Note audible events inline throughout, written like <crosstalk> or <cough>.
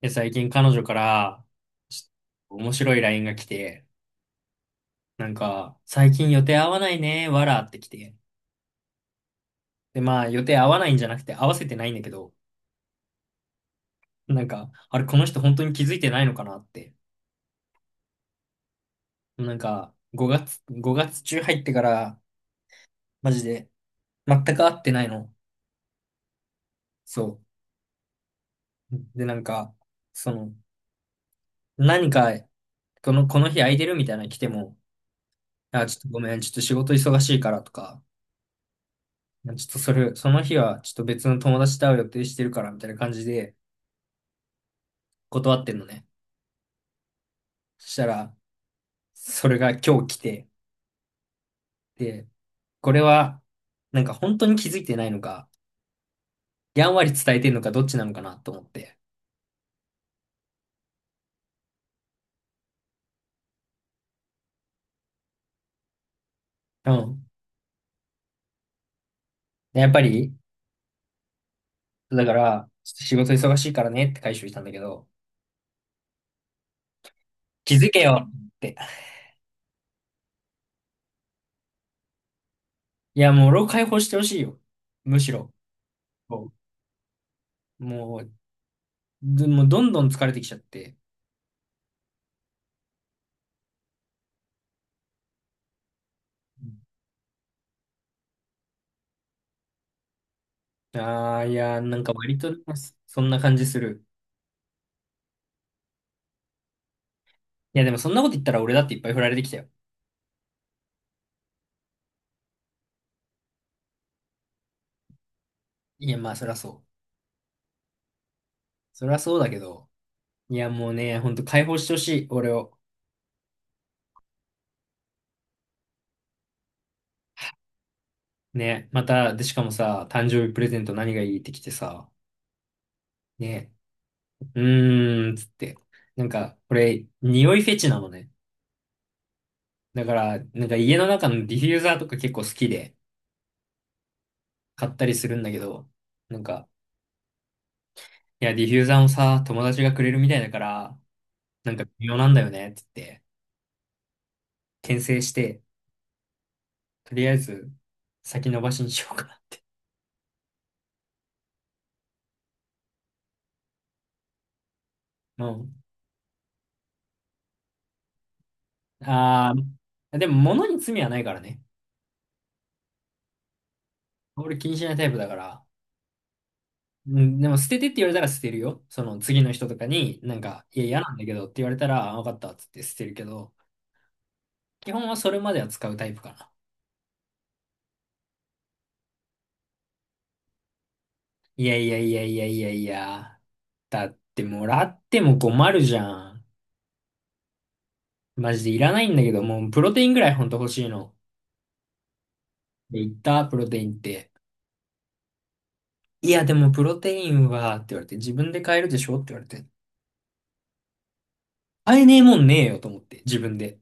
で、最近彼女から、ちょっと面白い LINE が来て、なんか、最近予定合わないね、わらって来て。で、まあ、予定合わないんじゃなくて合わせてないんだけど、なんか、あれ、この人本当に気づいてないのかなって。なんか、5月中入ってから、マジで、全く会ってないの。そう。で、なんか、その、何か、この日空いてるみたいなの来ても、あ、ちょっとごめん、ちょっと仕事忙しいからとか、まあちょっとそれ、その日はちょっと別の友達と会う予定してるからみたいな感じで断ってんのね。そしたら、それが今日来て、で、これは、なんか本当に気づいてないのか、やんわり伝えてんのかどっちなのかなと思って。うん。でやっぱり、だから、ちょっと仕事忙しいからねって回収したんだけど、気づけよって。いや、もう俺を解放してほしいよ。むしろ。そうもう、もうどんどん疲れてきちゃって。ああ、いや、なんか割と、そんな感じする。いや、でもそんなこと言ったら俺だっていっぱい振られてきたよ。いや、まあ、そりゃそう。そりゃそうだけど。いや、もうね、ほんと解放してほしい、俺を。ね、また、で、しかもさ、誕生日プレゼント何がいいってきてさ、ね、うーん、つって。なんか、これ、匂いフェチなのね。だから、なんか家の中のディフューザーとか結構好きで買ったりするんだけど、なんか、いや、ディフューザーもさ、友達がくれるみたいだから、なんか微妙なんだよね、つって、牽制して、とりあえず、先延ばしにしようかな。<laughs> うん。ああ、でも物に罪はないからね。俺気にしないタイプだから。うん、でも捨ててって言われたら捨てるよ。その次の人とかに、なんか、いや、嫌なんだけどって言われたら、あ、わかったっつって捨てるけど、基本はそれまでは使うタイプかな。いやいやいやいやいやいや。だってもらっても困るじゃん。マジでいらないんだけど、もうプロテインぐらいほんと欲しいの。で、言ったプロテインって。いや、でもプロテインは、って言われて、自分で買えるでしょって言われて。買えねえもんねえよと思って、自分で。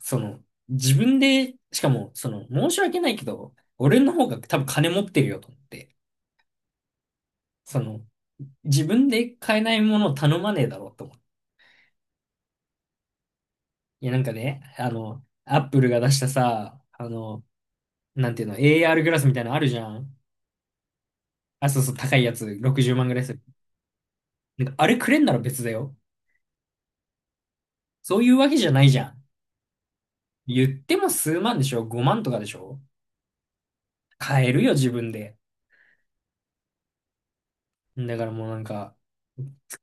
その、自分で、しかも、その、申し訳ないけど、俺の方が多分金持ってるよと思って、その、自分で買えないものを頼まねえだろうと思って。いや、なんかね、あの、アップルが出したさ、あの、なんていうの、AR グラスみたいなのあるじゃん。あ、そうそう、高いやつ、60万ぐらいする。なんか、あれくれんなら別だよ。そういうわけじゃないじゃん。言っても数万でしょ？ 5 万とかでしょ。買えるよ、自分で。だからもうなんか、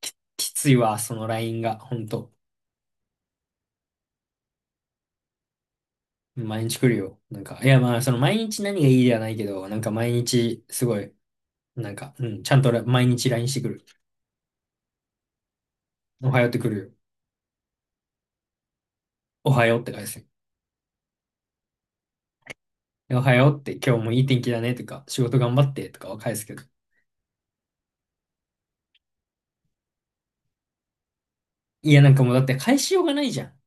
きついわ、そのラインが、ほんと。毎日来るよ。なんか、いやまあ、その毎日何がいいではないけど、なんか毎日、すごい、なんか、うん、ちゃんとら毎日 LINE してくる。おはようってくるよ。おはようって返すよ。でおはようって今日もいい天気だねとか、仕事頑張ってとかは返すけど。いや、なんかもうだって返しようがないじゃん。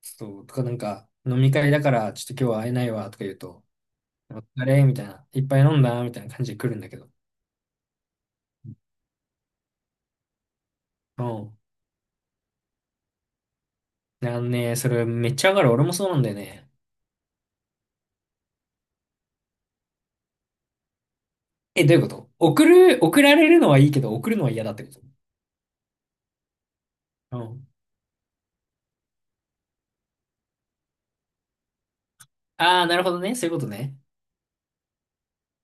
そう、とかなんか、飲み会だから、ちょっと今日は会えないわとか言うと、お疲れみたいな、いっぱい飲んだみたいな感じで来るんだけど。うん。なんね、それめっちゃ上がる。俺もそうなんだよね。え、どういうこと？送る、送られるのはいいけど、送るのは嫌だってこと？ああ、なるほどね。そういうことね。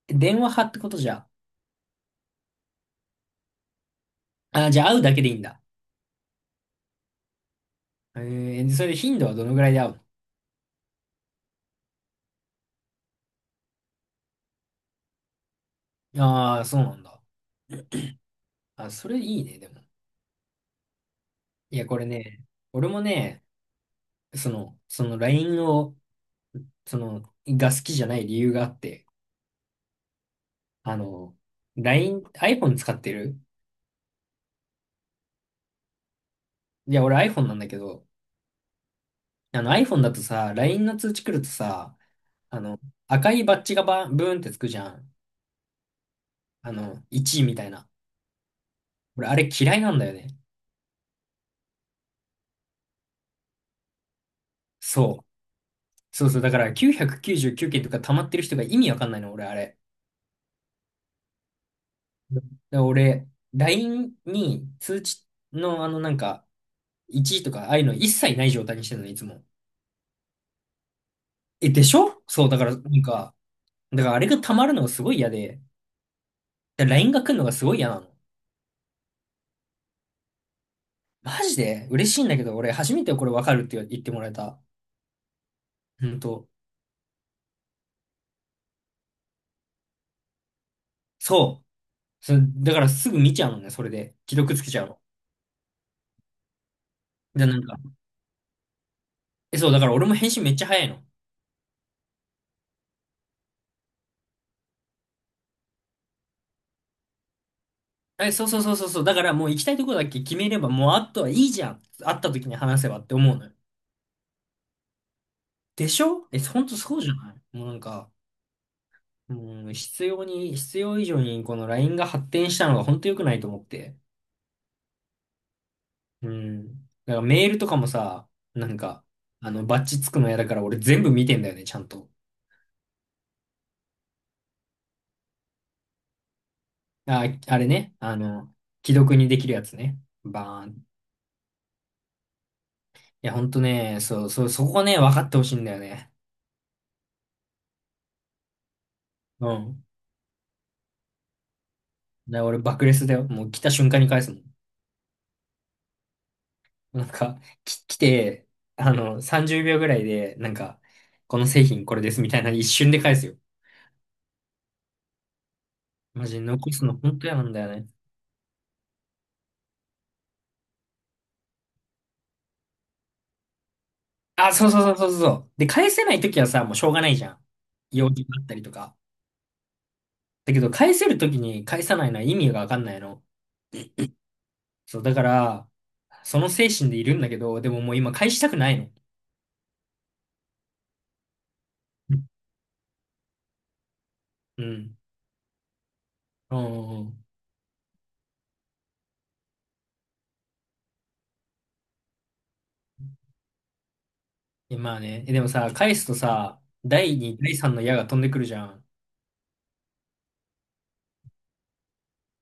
電話派ってことじゃ。ああ、じゃあ会うだけでいいんだ。えー、でそれで頻度はどのぐらいで会うの？ああー、そうなんだ。あ、それいいね、でも。いや、これね、俺もね、その、その LINE を、その、が好きじゃない理由があって、あの、LINE、iPhone 使ってる？いや、俺 iPhone なんだけど、あの iPhone だとさ、LINE の通知来るとさ、あの、赤いバッジがバンブーンってつくじゃん。あの、1みたいな。俺、あれ嫌いなんだよね。そう。そうそう、だから999件とか溜まってる人が意味わかんないの、俺、あれ。だから俺、LINE に通知のあのなんか、1位とか、ああいうの一切ない状態にしてるの、いつも。え、でしょ？そう、だから、なんか、だからあれが溜まるのがすごい嫌で、だから LINE が来るのがすごい嫌なの。マジで嬉しいんだけど、俺、初めてこれわかるって言ってもらえた。ほんと。そう。そだからすぐ見ちゃうのね、それで。既読つけちゃうの。で、なんか、え、そう、だから俺も返信めっちゃ早いの。え、そうそうそうそうそう。だからもう行きたいとこだけ決めれば、もうあとはいいじゃん。会った時に話せばって思うのよ。でしょ？え、ほんとそうじゃない？もうなんか、もう必要に、必要以上にこの LINE が発展したのがほんと良くないと思って。うん。だからメールとかもさ、なんか、あの、バッチつくの嫌だから俺全部見てんだよね、ちゃんと。あ、あれね、あの、既読にできるやつね。バーン。いや、ほんとね、そう、そう、そこね、分かってほしいんだよね。うん。だから俺爆レスだよ。もう来た瞬間に返すもん。なんか、来て、あの、30秒ぐらいで、なんか、この製品これですみたいな一瞬で返すよ。マジ残すの本当嫌なんだよね。あ、そうそうそうそうそう。で、返せないときはさ、もうしょうがないじゃん。用事があったりとか。だけど、返せるときに返さないのは意味がわかんないの。そう、だから、その精神でいるんだけど、でももう今返したくないの。うん。うん。うんうん。いやまあね。えでもさ、返すとさ、第2、第3の矢が飛んでくるじゃん。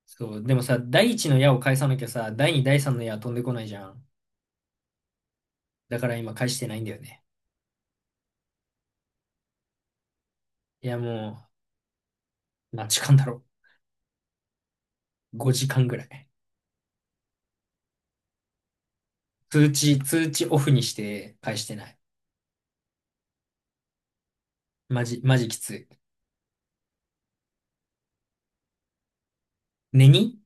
そう、でもさ、第一の矢を返さなきゃさ、第二、第三の矢は飛んでこないじゃん。だから今返してないんだよね。いや、もう、何時間だろう。5時間ぐらい。通知オフにして返してない。マジ、マジきつい。寝に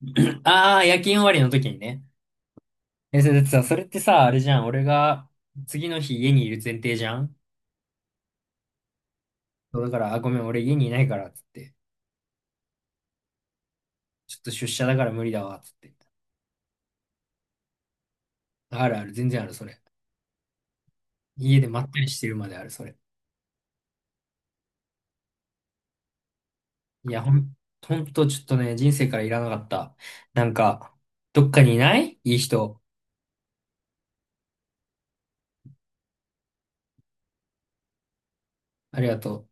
<clears throat> ああー、夜勤終わりの時にね。え、それだってさ、それってさ、あれじゃん。俺が次の日家にいる前提じゃん。そうだから、あ、ごめん、俺家にいないから、つって。ちょっと出社だから無理だわ、つって。あるある、全然ある、それ。家でまったりしてるまである、それ。いや、ほんとちょっとね、人生からいらなかった。なんか、どっかにいないいい人。ありがとう。